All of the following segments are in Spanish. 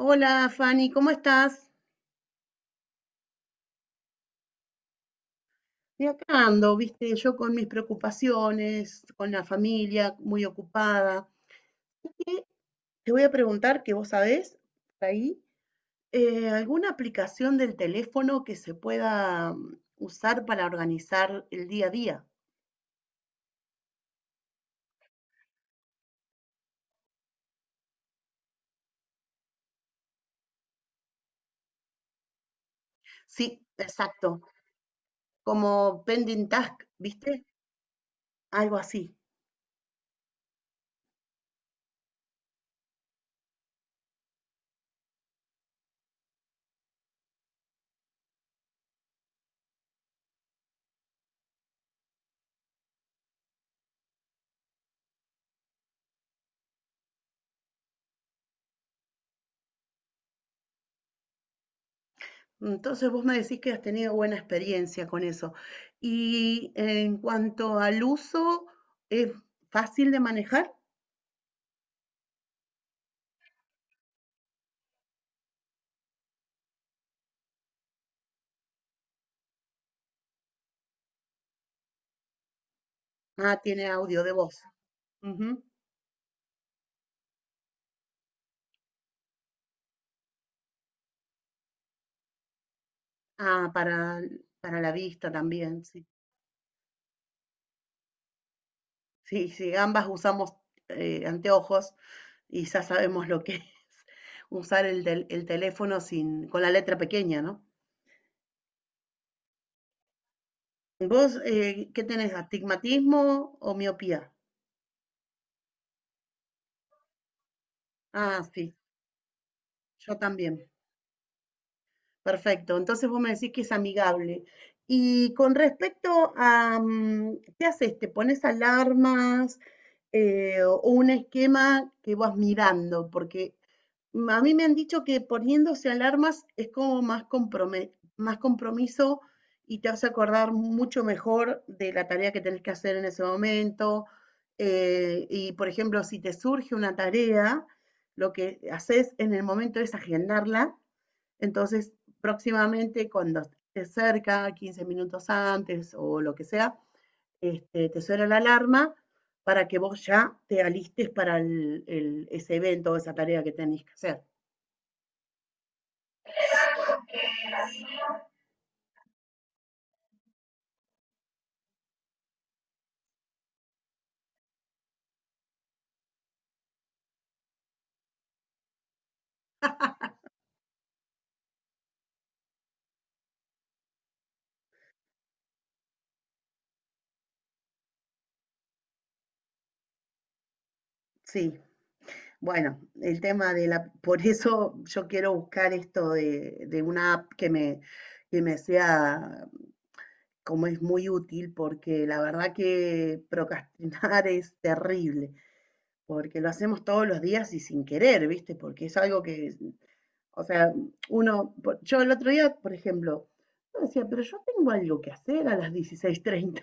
Hola Fanny, ¿cómo estás? Y acá ando, viste, yo con mis preocupaciones, con la familia muy ocupada. Y te voy a preguntar que vos sabés, por ahí, alguna aplicación del teléfono que se pueda usar para organizar el día a día. Sí, exacto, como pending task, viste, algo así. Entonces vos me decís que has tenido buena experiencia con eso. Y en cuanto al uso, ¿es fácil de manejar? Ah, tiene audio de voz. Ujú. Ah, para la vista también, sí. Sí, sí, ambas usamos anteojos y ya sabemos lo que es usar el, el teléfono sin, con la letra pequeña, ¿no? ¿Vos qué tenés? ¿Astigmatismo o miopía? Ah, sí, yo también. Perfecto. Entonces vos me decís que es amigable. Y con respecto a, ¿qué haces? ¿Te pones alarmas o un esquema que vas mirando? Porque a mí me han dicho que poniéndose alarmas es como más, más compromiso y te hace acordar mucho mejor de la tarea que tenés que hacer en ese momento. Y, por ejemplo, si te surge una tarea, lo que haces en el momento es agendarla. Entonces, próximamente, cuando estés cerca, 15 minutos antes o lo que sea, este, te suena la alarma para que vos ya te alistes para ese evento o esa tarea que tenés que hacer. Sí, bueno, el tema de la, por eso yo quiero buscar esto de una app que me sea, como es muy útil, porque la verdad que procrastinar es terrible, porque lo hacemos todos los días y sin querer, ¿viste? Porque es algo que, o sea, uno, yo el otro día, por ejemplo, yo decía, pero yo tengo algo que hacer a las 16:30,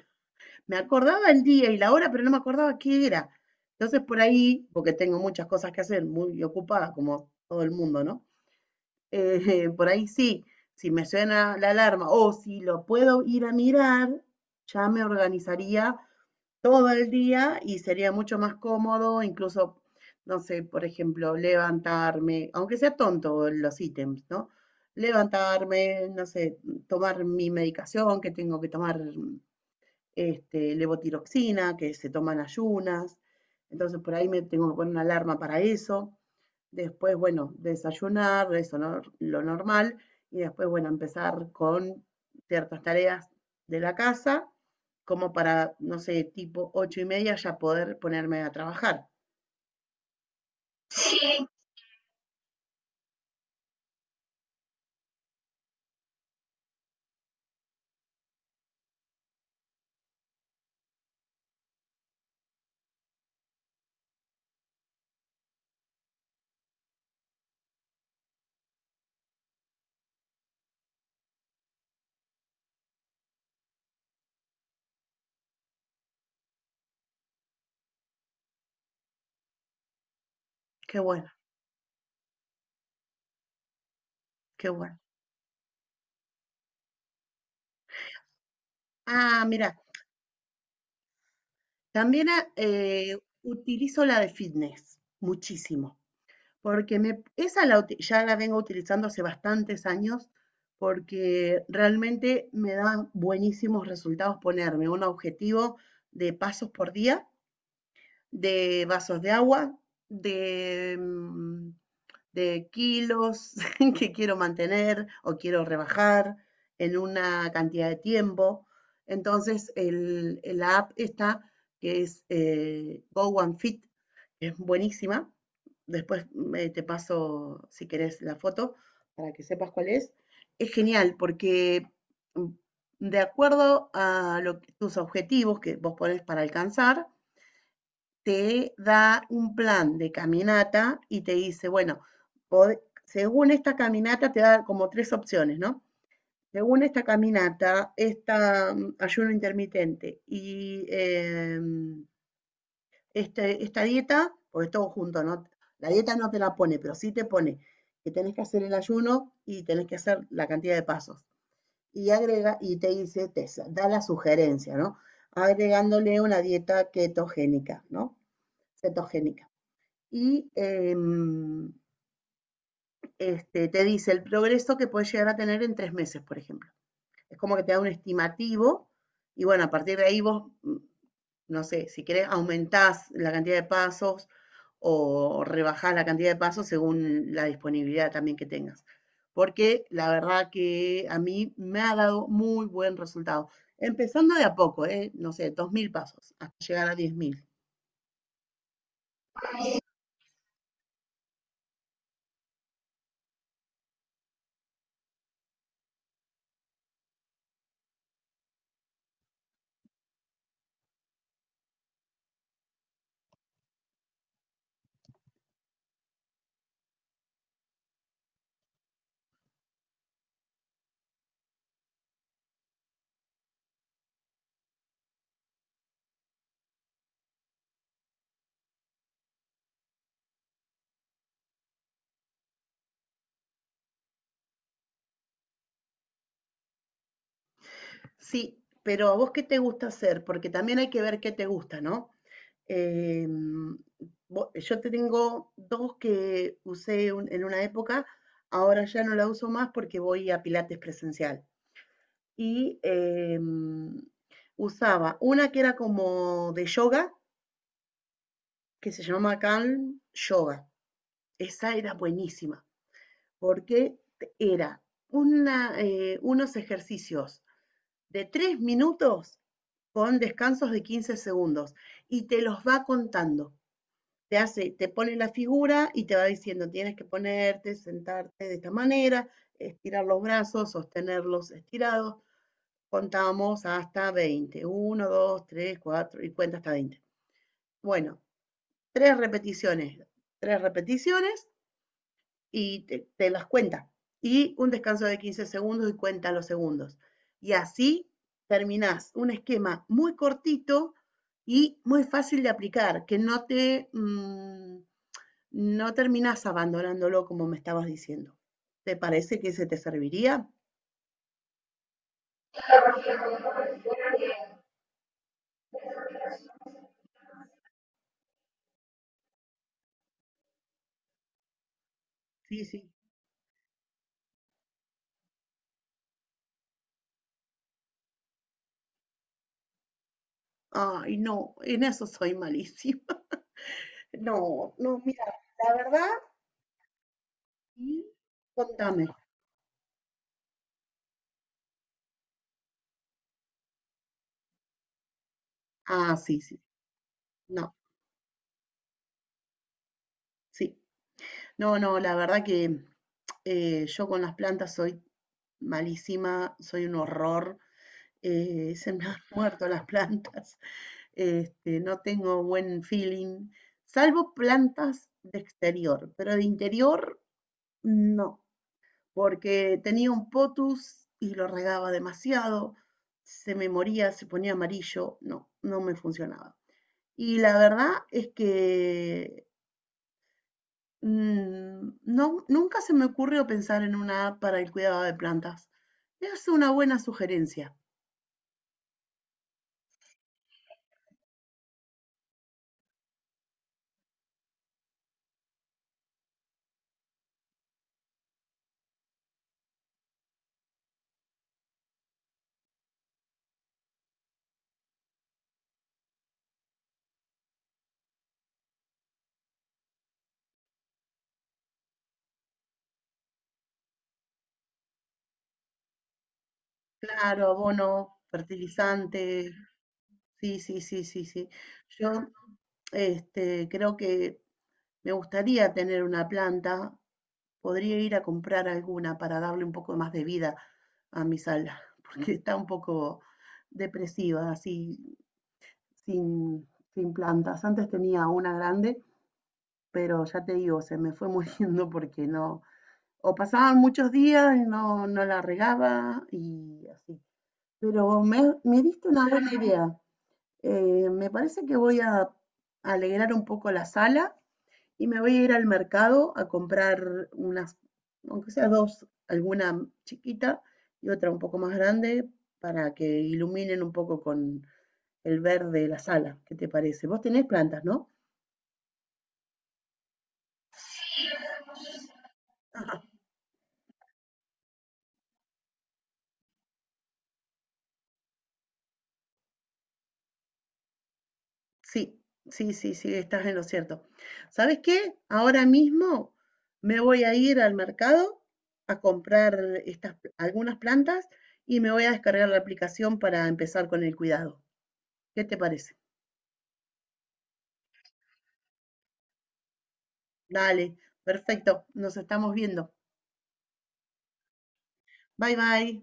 me acordaba el día y la hora, pero no me acordaba qué era. Entonces por ahí, porque tengo muchas cosas que hacer, muy ocupada como todo el mundo, ¿no? Por ahí sí, si me suena la alarma o si lo puedo ir a mirar, ya me organizaría todo el día y sería mucho más cómodo, incluso, no sé, por ejemplo, levantarme, aunque sea tonto los ítems, ¿no? Levantarme, no sé, tomar mi medicación que tengo que tomar, este, levotiroxina que se toman ayunas, entonces por ahí me tengo que poner una alarma para eso. Después, bueno, desayunar, eso no, lo normal, y después, bueno, empezar con ciertas tareas de la casa, como para, no sé, tipo ocho y media ya poder ponerme a trabajar. Qué bueno, qué bueno. Ah, mira, también utilizo la de fitness, muchísimo. Porque me, esa la ya la vengo utilizando hace bastantes años porque realmente me da buenísimos resultados ponerme un objetivo de pasos por día, de vasos de agua, de de kilos que quiero mantener o quiero rebajar en una cantidad de tiempo. Entonces, el, la app esta, que es Go and Fit, que es buenísima. Después te paso, si querés, la foto para que sepas cuál es. Es genial porque mm, de acuerdo a lo, que, tus objetivos que vos pones para alcanzar, te da un plan de caminata y te dice, bueno, según esta caminata te da como tres opciones, ¿no? Según esta caminata, esta ayuno intermitente y esta dieta, porque es todo junto, ¿no? La dieta no te la pone, pero sí te pone que tenés que hacer el ayuno y tenés que hacer la cantidad de pasos. Y agrega, y te dice, te da la sugerencia, ¿no? Agregándole una dieta ketogénica, ¿no? Cetogénica y este, te dice el progreso que puedes llegar a tener en 3 meses, por ejemplo. Es como que te da un estimativo y bueno, a partir de ahí vos, no sé, si querés aumentás la cantidad de pasos o rebajás la cantidad de pasos según la disponibilidad también que tengas. Porque la verdad que a mí me ha dado muy buen resultado. Empezando de a poco, ¿eh? No sé, 2,000 pasos hasta llegar a 10,000. Sí, pero ¿a vos qué te gusta hacer? Porque también hay que ver qué te gusta, ¿no? Eh, yo tengo dos que usé en una época, ahora ya no la uso más porque voy a Pilates presencial. Y usaba una que era como de yoga, que se llamaba Calm Yoga. Esa era buenísima porque era una, unos ejercicios de 3 minutos con descansos de 15 segundos y te los va contando. Te hace, te pone la figura y te va diciendo, tienes que ponerte, sentarte de esta manera, estirar los brazos, sostenerlos estirados. Contamos hasta veinte, uno, dos, tres, cuatro, y cuenta hasta veinte. Bueno, tres repeticiones, tres repeticiones y te las cuenta. Y un descanso de 15 segundos y cuenta los segundos. Y así terminás un esquema muy cortito y muy fácil de aplicar, que no te... no terminas abandonándolo como me estabas diciendo. ¿Te parece que se te serviría? Sí, sí. Ay, no, en eso soy malísima. No, no, mira, la verdad, y contame. Ah, sí, sí, no, sí. No, no, la verdad que yo con las plantas soy malísima, soy un horror. Se me han muerto las plantas. Este, no tengo buen feeling, salvo plantas de exterior, pero de interior no, porque tenía un potus y lo regaba demasiado, se me moría, se ponía amarillo, no, no me funcionaba. Y la verdad es que no, nunca se me ocurrió pensar en una app para el cuidado de plantas. Es una buena sugerencia. Claro, abono, fertilizante, sí, sí, sí, sí, sí. Yo, este, creo que me gustaría tener una planta. Podría ir a comprar alguna para darle un poco más de vida a mi sala, porque está un poco depresiva, así, sin, sin plantas. Antes tenía una grande, pero ya te digo, se me fue muriendo porque no, o pasaban muchos días y no, no la regaba y así. Pero me diste una buena idea. Me parece que voy a alegrar un poco la sala y me voy a ir al mercado a comprar unas, aunque sea dos, alguna chiquita y otra un poco más grande para que iluminen un poco con el verde de la sala. ¿Qué te parece? Vos tenés plantas, ¿no? Ajá. Sí, sí, sí, sí, estás en lo cierto. ¿Sabes qué? Ahora mismo me voy a ir al mercado a comprar estas, algunas plantas y me voy a descargar la aplicación para empezar con el cuidado. ¿Qué te parece? Dale, perfecto, nos estamos viendo. Bye bye.